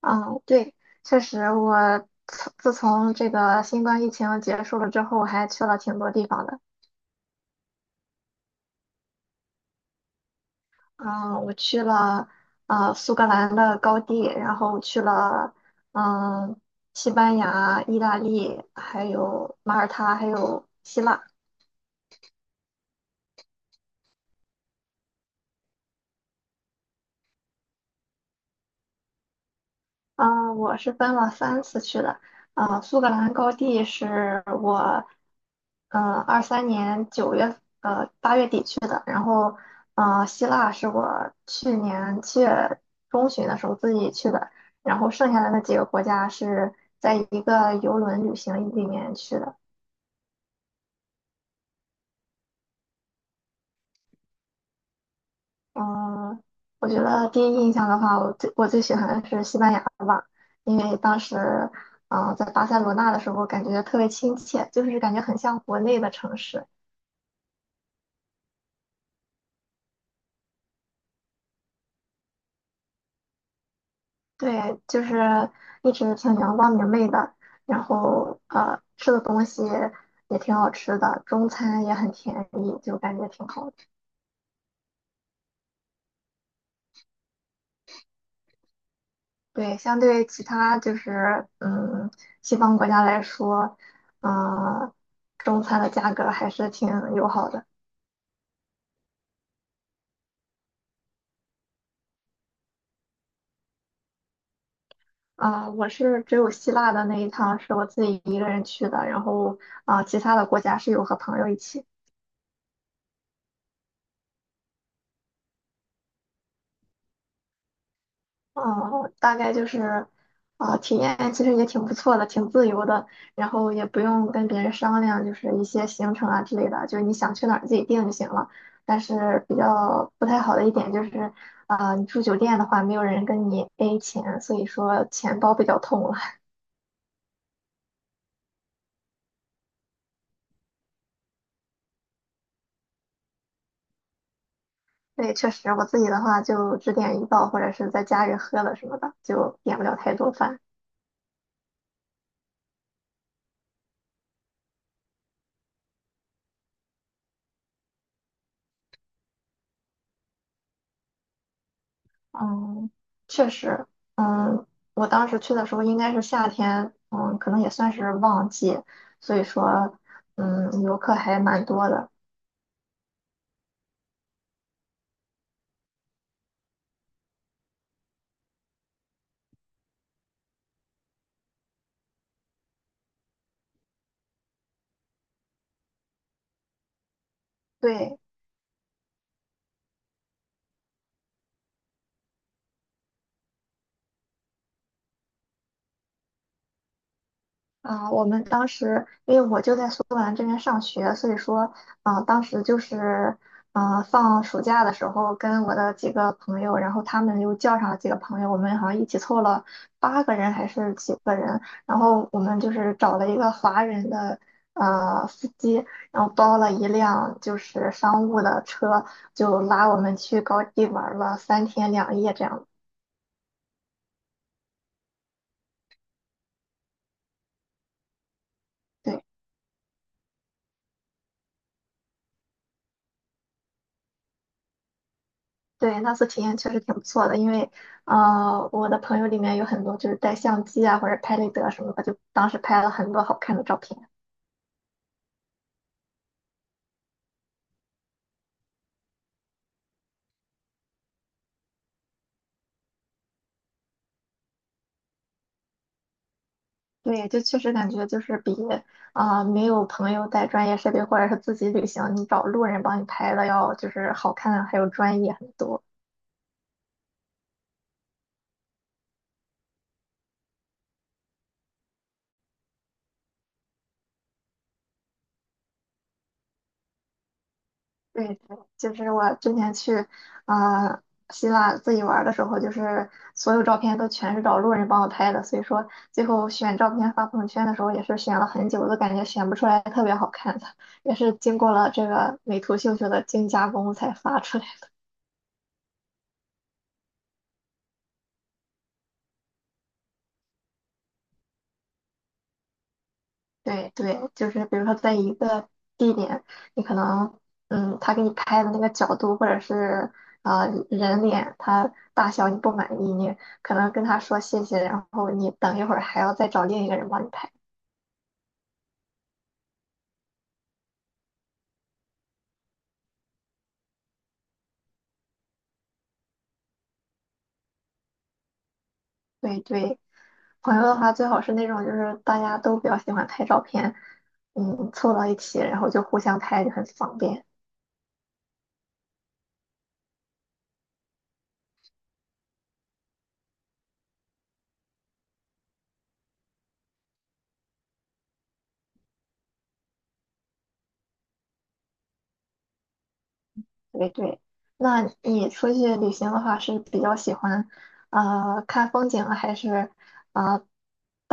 嗯，对，确实我自从这个新冠疫情结束了之后，我还去了挺多地方的。嗯，我去了苏格兰的高地，然后去了嗯西班牙、意大利，还有马耳他，还有希腊。啊，我是分了3次去的。啊，苏格兰高地是我23年9月，8月底去的。然后，希腊是我去年7月中旬的时候自己去的。然后剩下的那几个国家是在一个游轮旅行里面去的。嗯，我觉得第一印象的话，我最喜欢的是西班牙吧，因为当时，在巴塞罗那的时候，感觉特别亲切，就是感觉很像国内的城市。对，就是一直挺阳光明媚的，然后吃的东西也挺好吃的，中餐也很便宜，就感觉挺好的。对，相对其他就是西方国家来说，嗯、中餐的价格还是挺友好的。我是只有希腊的那一趟是我自己一个人去的，然后其他的国家是有和朋友一起。哦，大概就是体验其实也挺不错的，挺自由的，然后也不用跟别人商量，就是一些行程啊之类的，就是你想去哪儿自己定就行了。但是比较不太好的一点就是，你住酒店的话，没有人跟你 A 钱，所以说钱包比较痛了。对，确实，我自己的话就只点一道，或者是在家里喝了什么的，就点不了太多饭。嗯，确实，嗯，我当时去的时候应该是夏天，嗯，可能也算是旺季，所以说，游客还蛮多的。对，我们当时因为我就在苏格兰这边上学，所以说，啊、当时就是，啊、放暑假的时候，跟我的几个朋友，然后他们又叫上了几个朋友，我们好像一起凑了8个人还是几个人，然后我们就是找了一个华人的司机，然后包了一辆就是商务的车，就拉我们去高地玩了3天2夜这样。对。对，那次体验确实挺不错的，因为我的朋友里面有很多就是带相机啊或者拍立得什么的，就当时拍了很多好看的照片。对，就确实感觉就是比没有朋友带专业设备或者是自己旅行，你找路人帮你拍的要就是好看还有专业很多。对，对，就是我之前去，呃，希腊自己玩儿的时候，就是所有照片都全是找路人帮我拍的，所以说最后选照片发朋友圈的时候也是选了很久，都感觉选不出来特别好看的，也是经过了这个美图秀秀的精加工才发出来。对对，就是比如说在一个地点，你可能，他给你拍的那个角度或者是人脸，他大小你不满意，你可能跟他说谢谢，然后你等一会儿还要再找另一个人帮你拍。对对，朋友的话最好是那种就是大家都比较喜欢拍照片，凑到一起然后就互相拍就很方便。对对，那你出去旅行的话是比较喜欢，看风景啊还是？啊、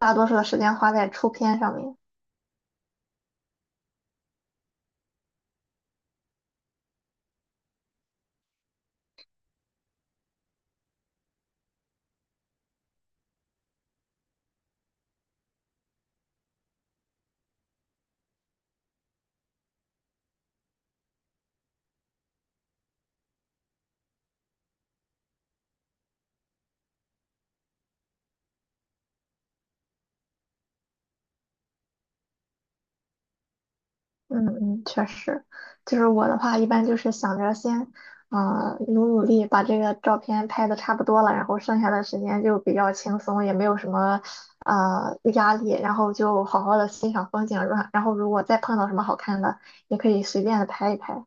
大多数的时间花在出片上面。嗯嗯，确实，就是我的话，一般就是想着先，努力把这个照片拍的差不多了，然后剩下的时间就比较轻松，也没有什么压力，然后就好好的欣赏风景，然后如果再碰到什么好看的，也可以随便的拍一拍。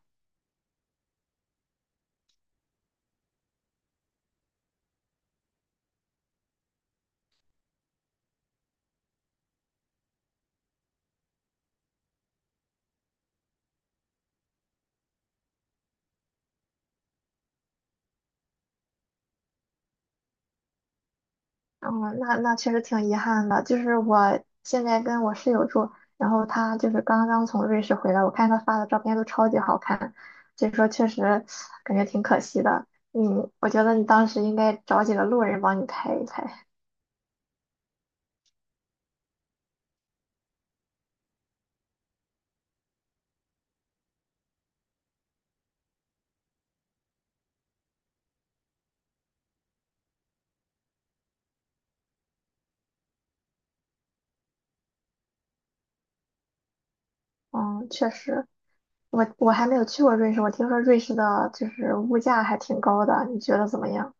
哦，那确实挺遗憾的。就是我现在跟我室友住，然后她就是刚刚从瑞士回来，我看她发的照片都超级好看，所以说确实感觉挺可惜的。嗯，我觉得你当时应该找几个路人帮你拍一拍。嗯，确实，我还没有去过瑞士，我听说瑞士的就是物价还挺高的，你觉得怎么样？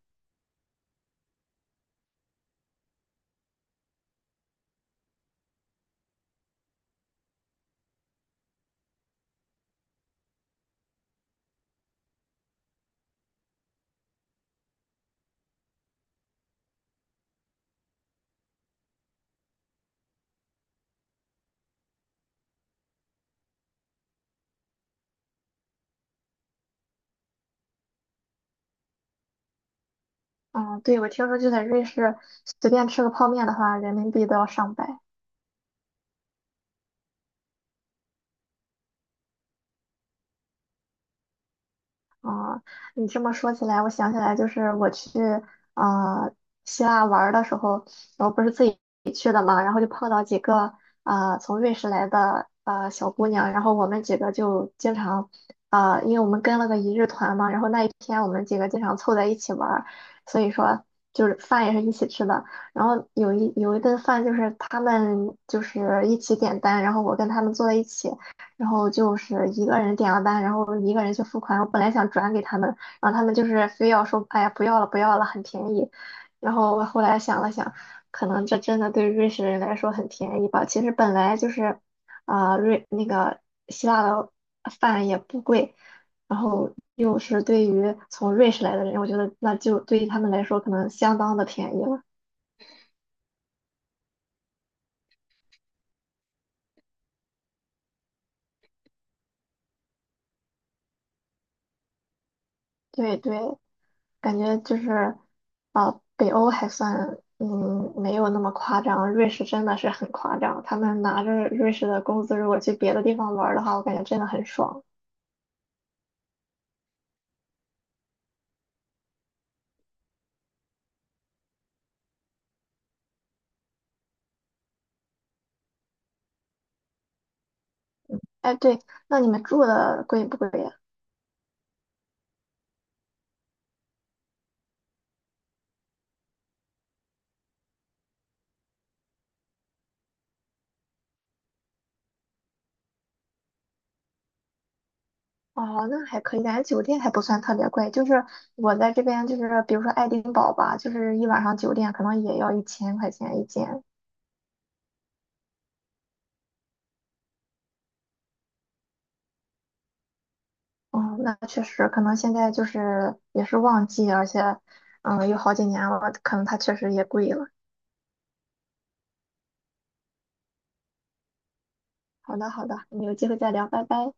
嗯，对，我听说就在瑞士随便吃个泡面的话，人民币都要上百。啊、你这么说起来，我想起来，就是我去啊希腊玩儿的时候，然后不是自己去的嘛，然后就碰到几个从瑞士来的小姑娘，然后我们几个就经常因为我们跟了个一日团嘛，然后那一天我们几个经常凑在一起玩儿，所以说就是饭也是一起吃的，然后有一顿饭就是他们就是一起点单，然后我跟他们坐在一起。然后就是一个人点了单，然后一个人去付款。我本来想转给他们，然后他们就是非要说，哎呀，不要了，不要了，很便宜。然后我后来想了想，可能这真的对瑞士人来说很便宜吧。其实本来就是，啊、瑞那个希腊的饭也不贵，然后又是对于从瑞士来的人，我觉得那就对于他们来说可能相当的便宜了。对对，感觉就是，北欧还算，没有那么夸张。瑞士真的是很夸张，他们拿着瑞士的工资，如果去别的地方玩儿的话，我感觉真的很爽。哎，对，那你们住的贵不贵呀？哦，那还可以，感觉酒店还不算特别贵。就是我在这边，就是比如说爱丁堡吧，就是一晚上酒店可能也要1000块钱一间。哦，那确实，可能现在就是也是旺季，而且，有好几年了，可能它确实也贵了。好的，好的，我们有机会再聊，拜拜。